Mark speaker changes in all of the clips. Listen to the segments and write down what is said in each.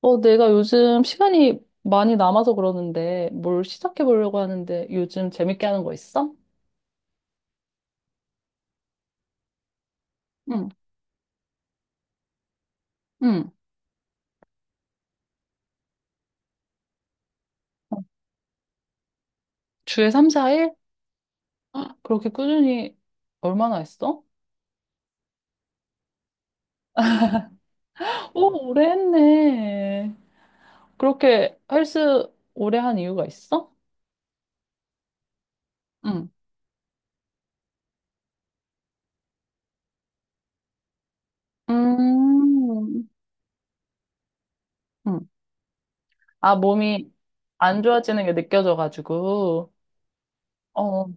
Speaker 1: 내가 요즘 시간이 많이 남아서 그러는데 뭘 시작해 보려고 하는데 요즘 재밌게 하는 거 있어? 응, 응. 어, 주에 3, 4일? 그렇게 꾸준히 얼마나 했어? 오래 했네. 그렇게 헬스 오래 한 이유가 있어? 응. 음, 응, 아, 몸이 안 좋아지는 게 느껴져가지고. 어,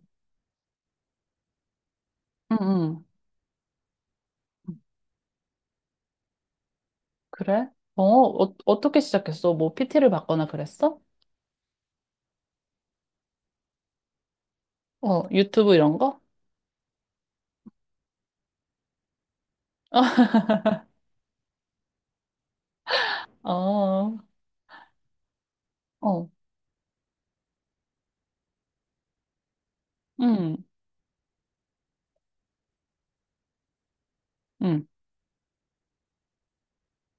Speaker 1: 응, 응. 그래? 어떻게 시작했어? 뭐 PT를 받거나 그랬어? 어, 유튜브 이런 거? 어, 어, 음, 음,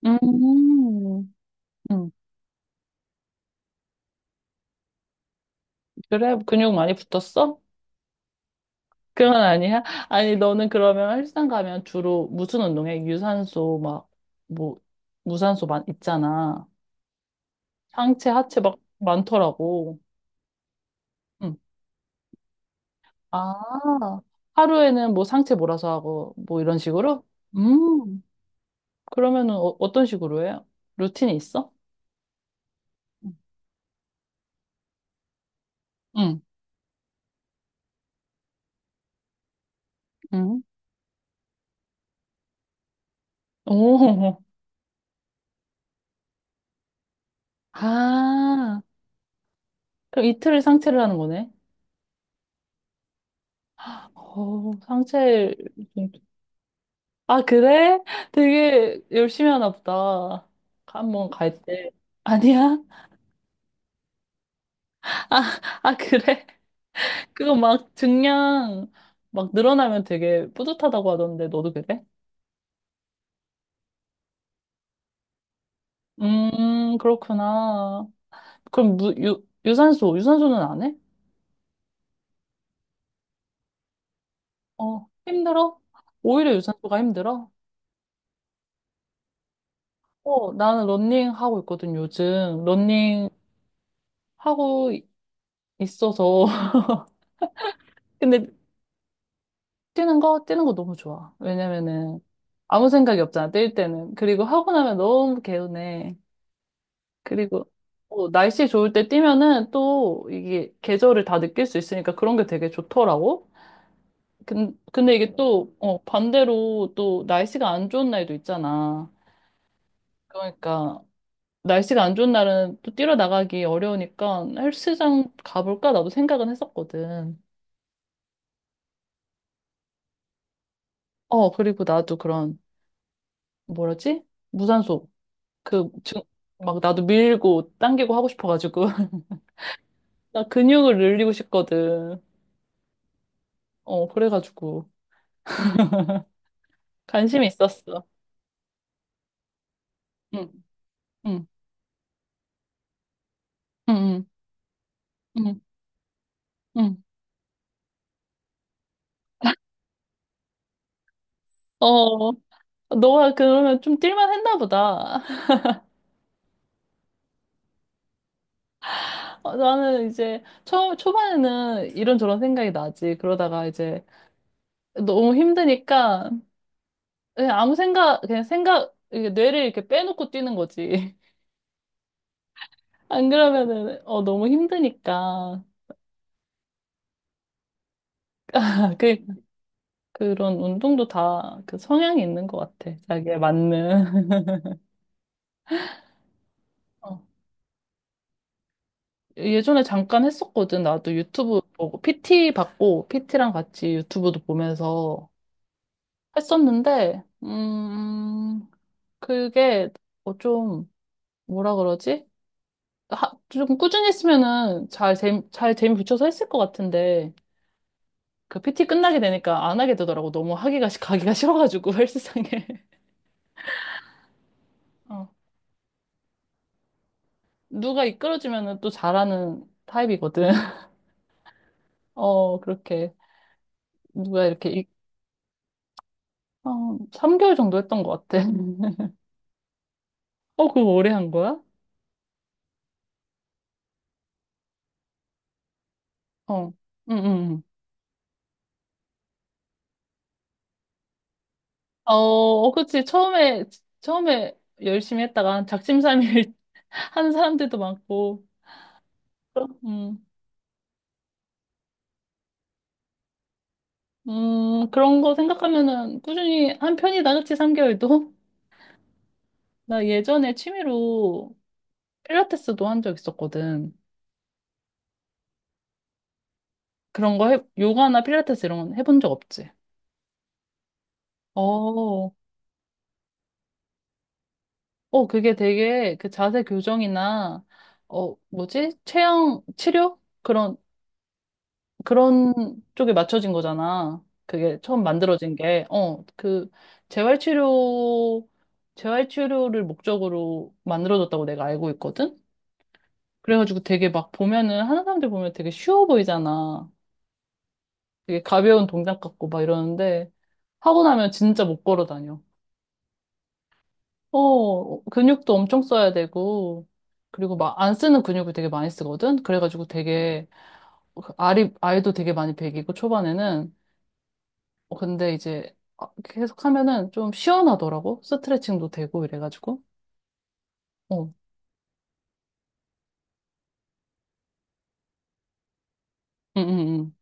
Speaker 1: 음, 음. 그래? 근육 많이 붙었어? 그건 아니야? 아니, 너는 그러면 헬스장 가면 주로 무슨 운동해? 유산소, 막, 뭐, 무산소 많, 있잖아. 상체, 하체 막 많더라고. 응. 아, 하루에는 뭐 상체 몰아서 하고, 뭐 이런 식으로? 음, 그러면은 어떤 식으로 해요? 루틴이 있어? 응, 응. 오, 아. 그럼 이틀을 상체를 하는 거네? 어, 상체. 아, 그래? 되게 열심히 하나 보다. 한번 갈 때. 아니야? 아, 아, 그래? 그거 막 증량 막 늘어나면 되게 뿌듯하다고 하던데, 너도 그래? 그렇구나. 그럼 유산소, 유산소는 안 해? 어, 힘들어? 오히려 유산소가 힘들어? 나는 러닝 하고 있거든, 요즘. 러닝 하고 있어서. 근데 뛰는 거 너무 좋아. 왜냐면은 아무 생각이 없잖아, 뛸 때는. 그리고 하고 나면 너무 개운해. 그리고 날씨 좋을 때 뛰면은 또 이게 계절을 다 느낄 수 있으니까 그런 게 되게 좋더라고. 근데 이게 또 반대로 또 날씨가 안 좋은 날도 있잖아. 그러니까 날씨가 안 좋은 날은 또 뛰러 나가기 어려우니까 헬스장 가볼까? 나도 생각은 했었거든. 그리고 나도 그런 뭐라지? 무산소 그, 중, 막 나도 밀고 당기고 하고 싶어가지고. 나 근육을 늘리고 싶거든. 어, 그래가지고. 관심이 있었어. 응, 응, 응, 응, 응. 응. 어, 너가 그러면 좀 뛸만 했나 보다. 나는 이제 초반에는 이런저런 생각이 나지. 그러다가 이제 너무 힘드니까 그냥 아무 생각, 그냥 생각, 이게 뇌를 이렇게 빼놓고 뛰는 거지. 안 그러면은, 너무 힘드니까. 그런 운동도 다 그 성향이 있는 것 같아. 자기에 맞는. 어. 예전에 잠깐 했었거든. 나도 유튜브 보고, PT 받고, PT랑 같이 유튜브도 보면서 했었는데, 그게 좀, 뭐라 그러지? 좀 꾸준히 했으면은 잘 재미 붙여서 했을 것 같은데, 그 PT 끝나게 되니까 안 하게 되더라고. 너무 하기가, 가기가 싫어가지고, 헬스장에. 어. 누가 이끌어주면은 또 잘하는 타입이거든. 그렇게 누가 이렇게 3개월 정도 했던 것 같아. 어, 그거 오래 한 거야? 어, 응, 응. 응. 어, 어, 그치. 처음에 열심히 했다가 작심삼일 한 사람들도 많고. 그럼, 음, 그런 거 생각하면은 꾸준히 한 편이다, 그치? 3개월도? 나 예전에 취미로 필라테스도 한 적 있었거든. 그런 거 해, 요가나 필라테스 이런 건 해본 적 없지? 어, 그게 되게 그 자세 교정이나, 뭐지? 체형 치료? 그런 쪽에 맞춰진 거잖아. 그게 처음 만들어진 게. 재활치료, 재활치료를 목적으로 만들어졌다고 내가 알고 있거든? 그래가지고 되게 막 보면은, 하는 사람들 보면 되게 쉬워 보이잖아. 되게 가벼운 동작 같고 막 이러는데, 하고 나면 진짜 못 걸어 다녀. 근육도 엄청 써야 되고, 그리고 막 안 쓰는 근육을 되게 많이 쓰거든? 그래가지고 되게, 알도 되게 많이 배기고, 초반에는. 근데 이제 계속 하면은 좀 시원하더라고? 스트레칭도 되고, 이래가지고. 어, 응, 응, 응.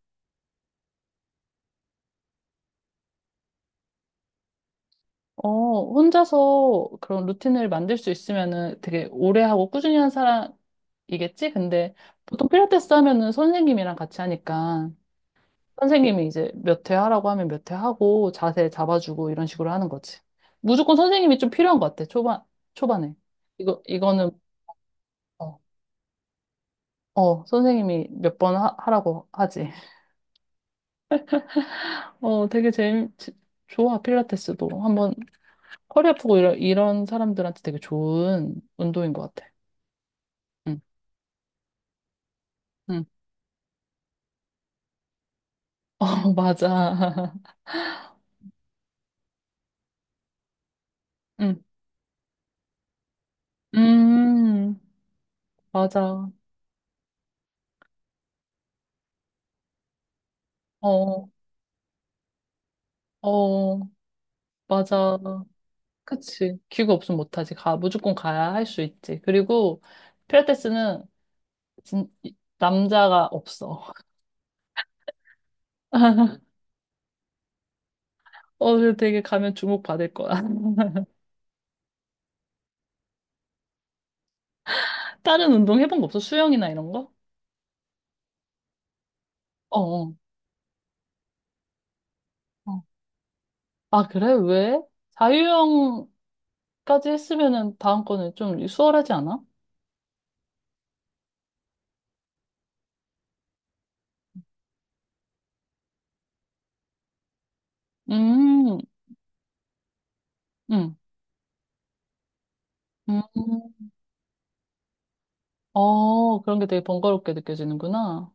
Speaker 1: 혼자서 그런 루틴을 만들 수 있으면은 되게 오래 하고 꾸준히 한 사람이겠지? 근데 보통 필라테스 하면은 선생님이랑 같이 하니까. 선생님이 이제 몇 회 하라고 하면 몇 회 하고 자세 잡아주고 이런 식으로 하는 거지. 무조건 선생님이 좀 필요한 것 같아. 초반에. 이거는 어, 선생님이 몇 번 하라고 하지. 되게 재밌, 좋아. 필라테스도 한번. 허리 아프고 이런 사람들한테 되게 좋은 운동인 것 같아. 응, 응, 어, 맞아. 응, 맞아. 어, 어, 맞아. 그치. 기구 없으면 못하지. 무조건 가야 할 수 있지. 그리고 필라테스는 진, 남자가 없어. 어, 그래서 되게 가면 주목받을 거야. 다른 운동 해본 거 없어? 수영이나 이런 거? 어, 어. 어. 아, 그래? 왜? 자유형까지 했으면은 다음 거는 좀 수월하지 않아? 음, 음, 음. 그런 게 되게 번거롭게 느껴지는구나.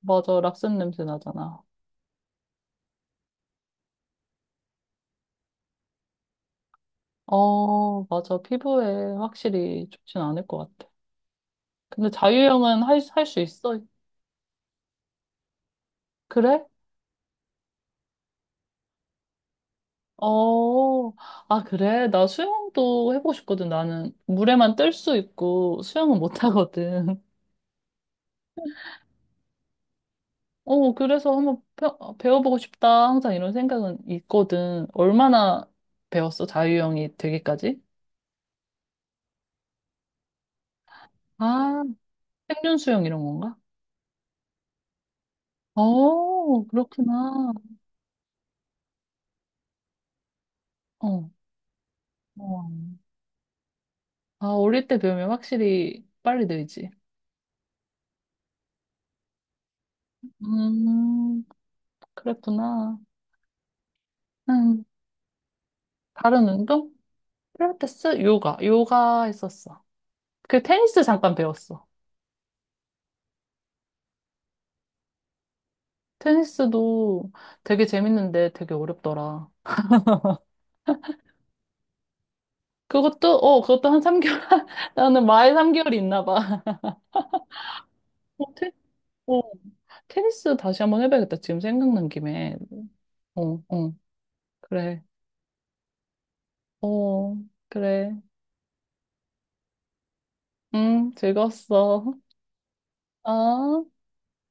Speaker 1: 맞아, 락슨 냄새 나잖아. 어, 맞아. 피부에 확실히 좋진 않을 것 같아. 근데 자유형은 할 수 있어. 그래? 어, 아, 그래. 나 수영도 해보고 싶거든. 나는 물에만 뜰 수 있고 수영은 못 하거든. 그래서 한번 배워보고 싶다. 항상 이런 생각은 있거든. 얼마나 배웠어? 자유형이 되기까지? 아, 생존 수영 이런 건가? 어, 그렇구나. 어, 어. 아, 어릴 때 배우면 확실히 빨리 늘지. 음, 그랬구나. 음, 다른 운동? 필라테스? 요가. 요가 했었어. 그 테니스 잠깐 배웠어. 테니스도 되게 재밌는데 되게 어렵더라. 그것도 한 3개월, 나는 마에 3개월이 있나 봐. 어, 테, 어, 테니스 다시 한번 해봐야겠다. 지금 생각난 김에. 어, 어, 그래. 어, 그래. 응, 즐거웠어. 어.